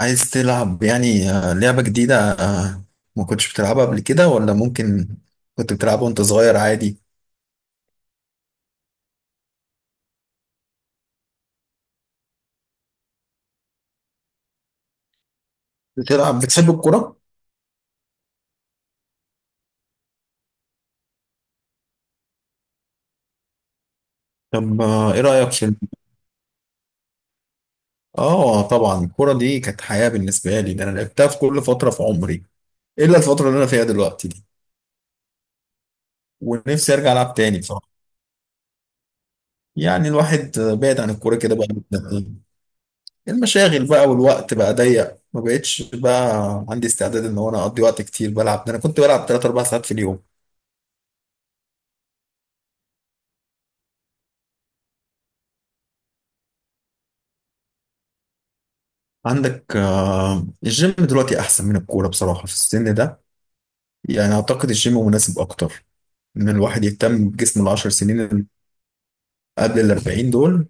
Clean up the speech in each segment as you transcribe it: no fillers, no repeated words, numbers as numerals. عايز تلعب يعني لعبة جديدة ما كنتش بتلعبها قبل كده ولا ممكن كنت بتلعبها وانت صغير عادي. بتحب الكرة؟ طب ايه رأيك في اه طبعا الكرة دي كانت حياة بالنسبة لي، ده انا لعبتها في كل فترة في عمري إيه الا الفترة اللي انا فيها دلوقتي دي. ونفسي ارجع العب تاني بصراحة. يعني الواحد بعد عن الكورة كده بقى له سنتين. المشاغل بقى والوقت بقى ضيق، ما بقتش بقى عندي استعداد ان هو انا اقضي وقت كتير بلعب، ده انا كنت بلعب 3 4 ساعات في اليوم. عندك الجيم دلوقتي احسن من الكوره بصراحه في السن ده. يعني اعتقد الجيم مناسب اكتر ان الواحد يهتم بجسمه العشر سنين اللي قبل الاربعين دول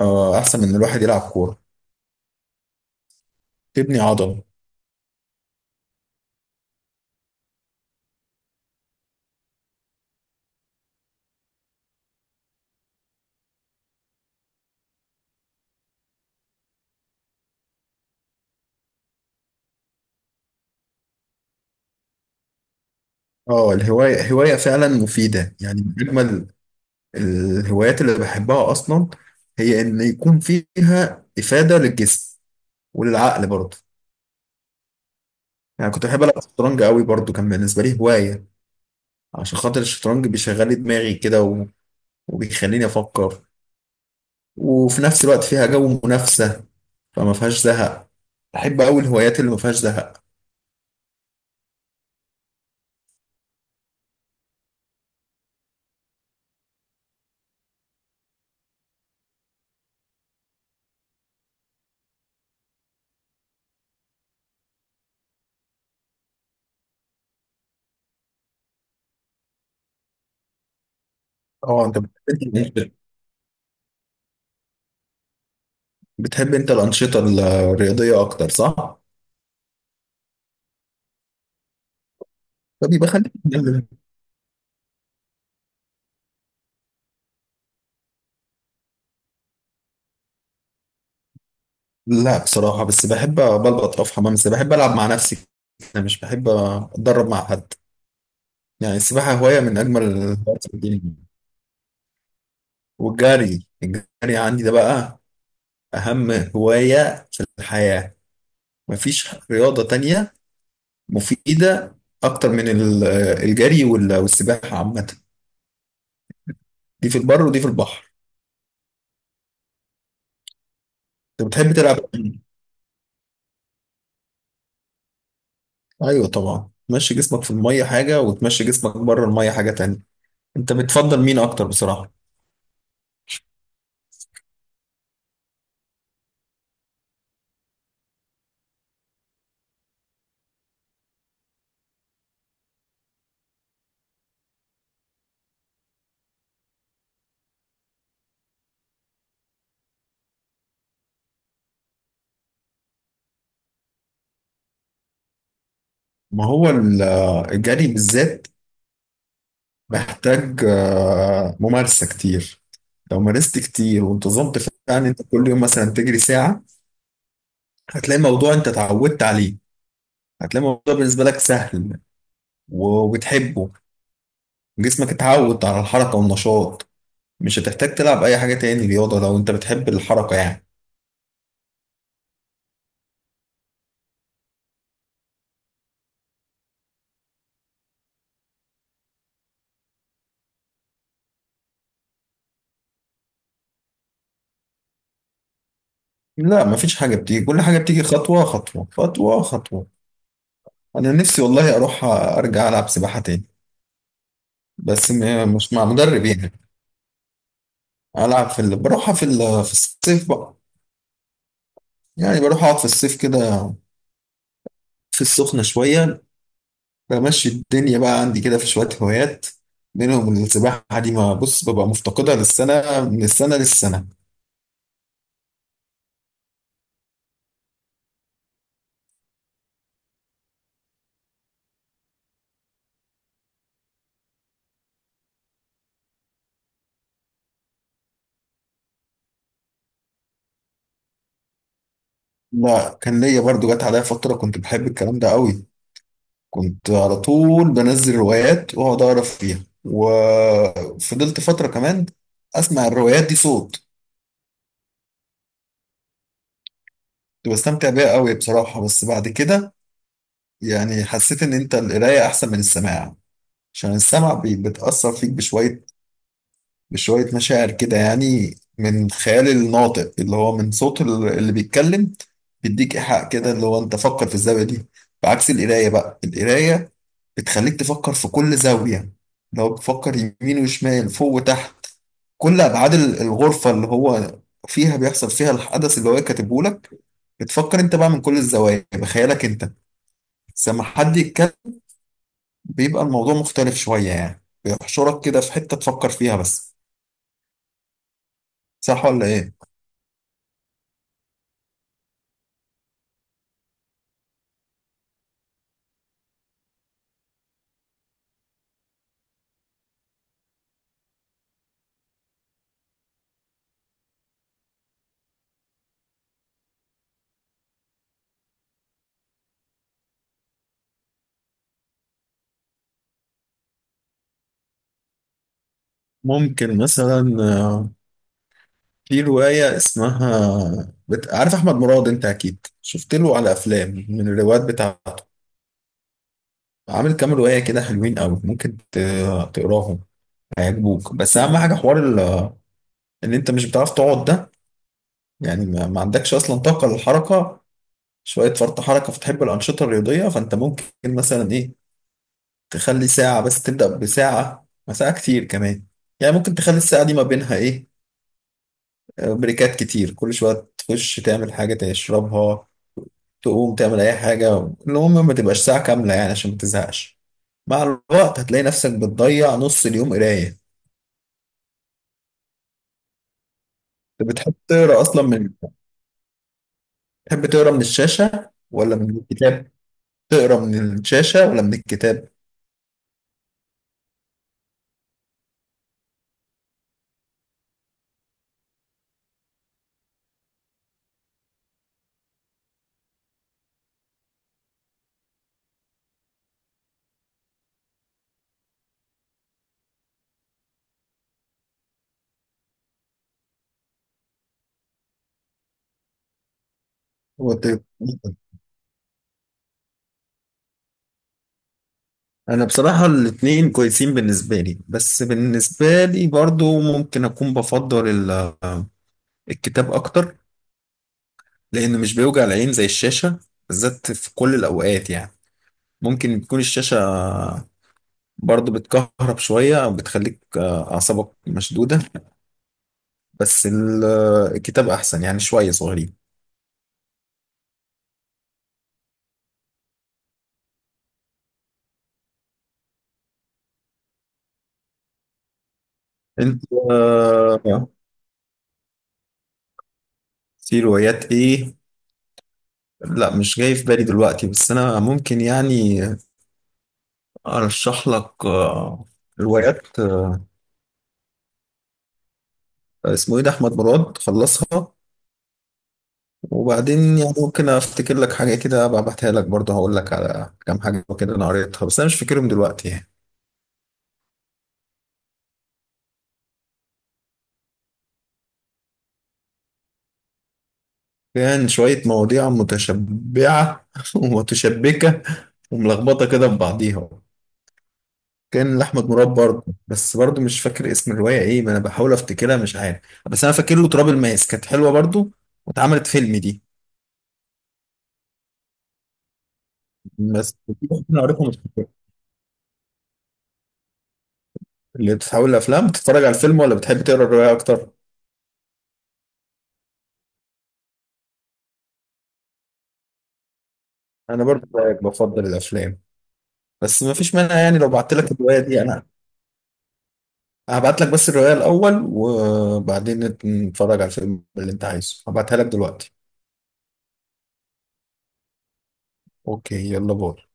احسن من إن الواحد يلعب كوره، تبني عضل. اه، الهوايه هوايه فعلا مفيده، يعني من اجمل الهوايات اللي بحبها اصلا هي ان يكون فيها افاده للجسم وللعقل برضه. يعني كنت بحب العب شطرنج قوي برضه، كان بالنسبه لي هوايه عشان خاطر الشطرنج بيشغل لي دماغي كده وبيخليني افكر، وفي نفس الوقت فيها جو منافسة فما فيهاش زهق. بحب أوي الهوايات اللي ما فيهاش زهق. اه، انت بتحب انت الأنشطة بتحب انت الأنشطة الرياضية أكتر صح؟ فبيبقى خليك تتكلم. لا بصراحة بس بحب بلبط أقف حمام، بس بحب ألعب مع نفسي. أنا مش بحب أتدرب مع حد. يعني السباحة هواية من أجمل الهوايات في الدنيا. والجري، الجري عندي ده بقى أهم هواية في الحياة. مفيش رياضة تانية مفيدة أكتر من الجري والسباحة عامة، دي في البر ودي في البحر. أنت بتحب تلعب إيه؟ أيوه طبعا تمشي جسمك في المية حاجة وتمشي جسمك بره المية حاجة تانية. أنت بتفضل مين أكتر بصراحة؟ ما هو الجري بالذات محتاج ممارسة كتير. لو مارست كتير وانتظمت فعلا أنت كل يوم مثلا تجري ساعة هتلاقي الموضوع أنت اتعودت عليه، هتلاقي الموضوع بالنسبة لك سهل وبتحبه. جسمك اتعود على الحركة والنشاط، مش هتحتاج تلعب اي حاجة تاني رياضة لو انت بتحب الحركة يعني. لا مفيش حاجة بتيجي، كل حاجة بتيجي خطوة خطوة خطوة خطوة. انا نفسي والله اروح ارجع العب سباحة تاني بس مش مع مدرب يعني. العب بروحها في الصيف بقى. يعني بروح اقعد في الصيف كده في السخنة شوية، بمشي الدنيا بقى عندي كده في شوية هوايات منهم السباحة دي، ما بص ببقى مفتقدها للسنة من السنة للسنة. لا كان ليا برضو جت عليا فترة كنت بحب الكلام ده قوي، كنت على طول بنزل روايات واقعد اقرا فيها وفضلت فتره كمان اسمع الروايات دي صوت. كنت بستمتع بيها قوي بصراحه بس بعد كده يعني حسيت ان انت القرايه احسن من السماع. عشان السمع بتاثر فيك بشويه، بشويه مشاعر كده يعني من خيال الناطق اللي هو من صوت اللي بيتكلم، بيديك ايحاء كده اللي هو انت فكر في الزاويه دي. بعكس القرايه، بقى القرايه بتخليك تفكر في كل زاويه، لو بتفكر يمين وشمال فوق وتحت كل ابعاد الغرفه اللي هو فيها بيحصل فيها الحدث اللي هو كاتبه لك، بتفكر انت بقى من كل الزوايا بخيالك انت. بس لما حد يتكلم بيبقى الموضوع مختلف شويه، يعني بيحشرك كده في حته تفكر فيها بس. صح ولا ايه؟ ممكن مثلا في رواية اسمها عارف أحمد مراد؟ أنت أكيد شفت له على أفلام من الروايات بتاعته. عامل كام رواية كده حلوين أوي، ممكن تقراهم هيعجبوك. بس أهم حاجة حوار إن أنت مش بتعرف تقعد ده، يعني ما عندكش اصلا طاقه للحركه، شويه فرط حركه فتحب الانشطه الرياضيه. فانت ممكن مثلا ايه تخلي ساعه بس، تبدا بساعه ما ساعه كتير كمان. يعني ممكن تخلي الساعه دي ما بينها ايه بريكات كتير، كل شويه تخش تعمل حاجه تشربها، تقوم تعمل اي حاجه. المهم ما تبقاش ساعه كامله يعني عشان ما تزهقش. مع الوقت هتلاقي نفسك بتضيع نص اليوم قرايه. أنت بتحب تقرا اصلا من، بتحب تقرا من الشاشه ولا من الكتاب؟ تقرا من الشاشه ولا من الكتاب؟ هو انا بصراحة الاتنين كويسين بالنسبة لي، بس بالنسبة لي برضو ممكن اكون بفضل الكتاب اكتر لانه مش بيوجع العين زي الشاشة بالذات في كل الاوقات يعني. ممكن تكون الشاشة برضو بتكهرب شوية او بتخليك اعصابك مشدودة، بس الكتاب احسن يعني شوية صغيرين. انت آه، في روايات ايه؟ لا مش جاي في بالي دلوقتي، بس انا ممكن يعني ارشح لك روايات. اسمه ايه ده، احمد مراد خلصها. وبعدين يعني ممكن افتكر لك حاجه كده ابقى ابعتها لك برضه، هقول لك على كام حاجه كده انا قريتها بس انا مش فاكرهم دلوقتي يعني. كان شويه مواضيع متشبعه ومتشبكه وملخبطه كده في بعضيها، كان لاحمد مراد برضه بس برضه مش فاكر اسم الروايه ايه، ما انا بحاول افتكرها مش عارف. بس انا فاكر له تراب الماس، كانت حلوه برضه واتعملت فيلم دي. بس انا قريتها مش فاكر. اللي بتتحول لافلام بتتفرج على الفيلم ولا بتحب تقرا الروايه اكتر؟ انا برضو زيك بفضل الافلام، بس ما فيش مانع يعني لو بعت لك الروايه دي انا هبعت لك بس الروايه الاول، وبعدين نتفرج على الفيلم اللي انت عايزه. هبعتها لك دلوقتي. اوكي، يلا باي.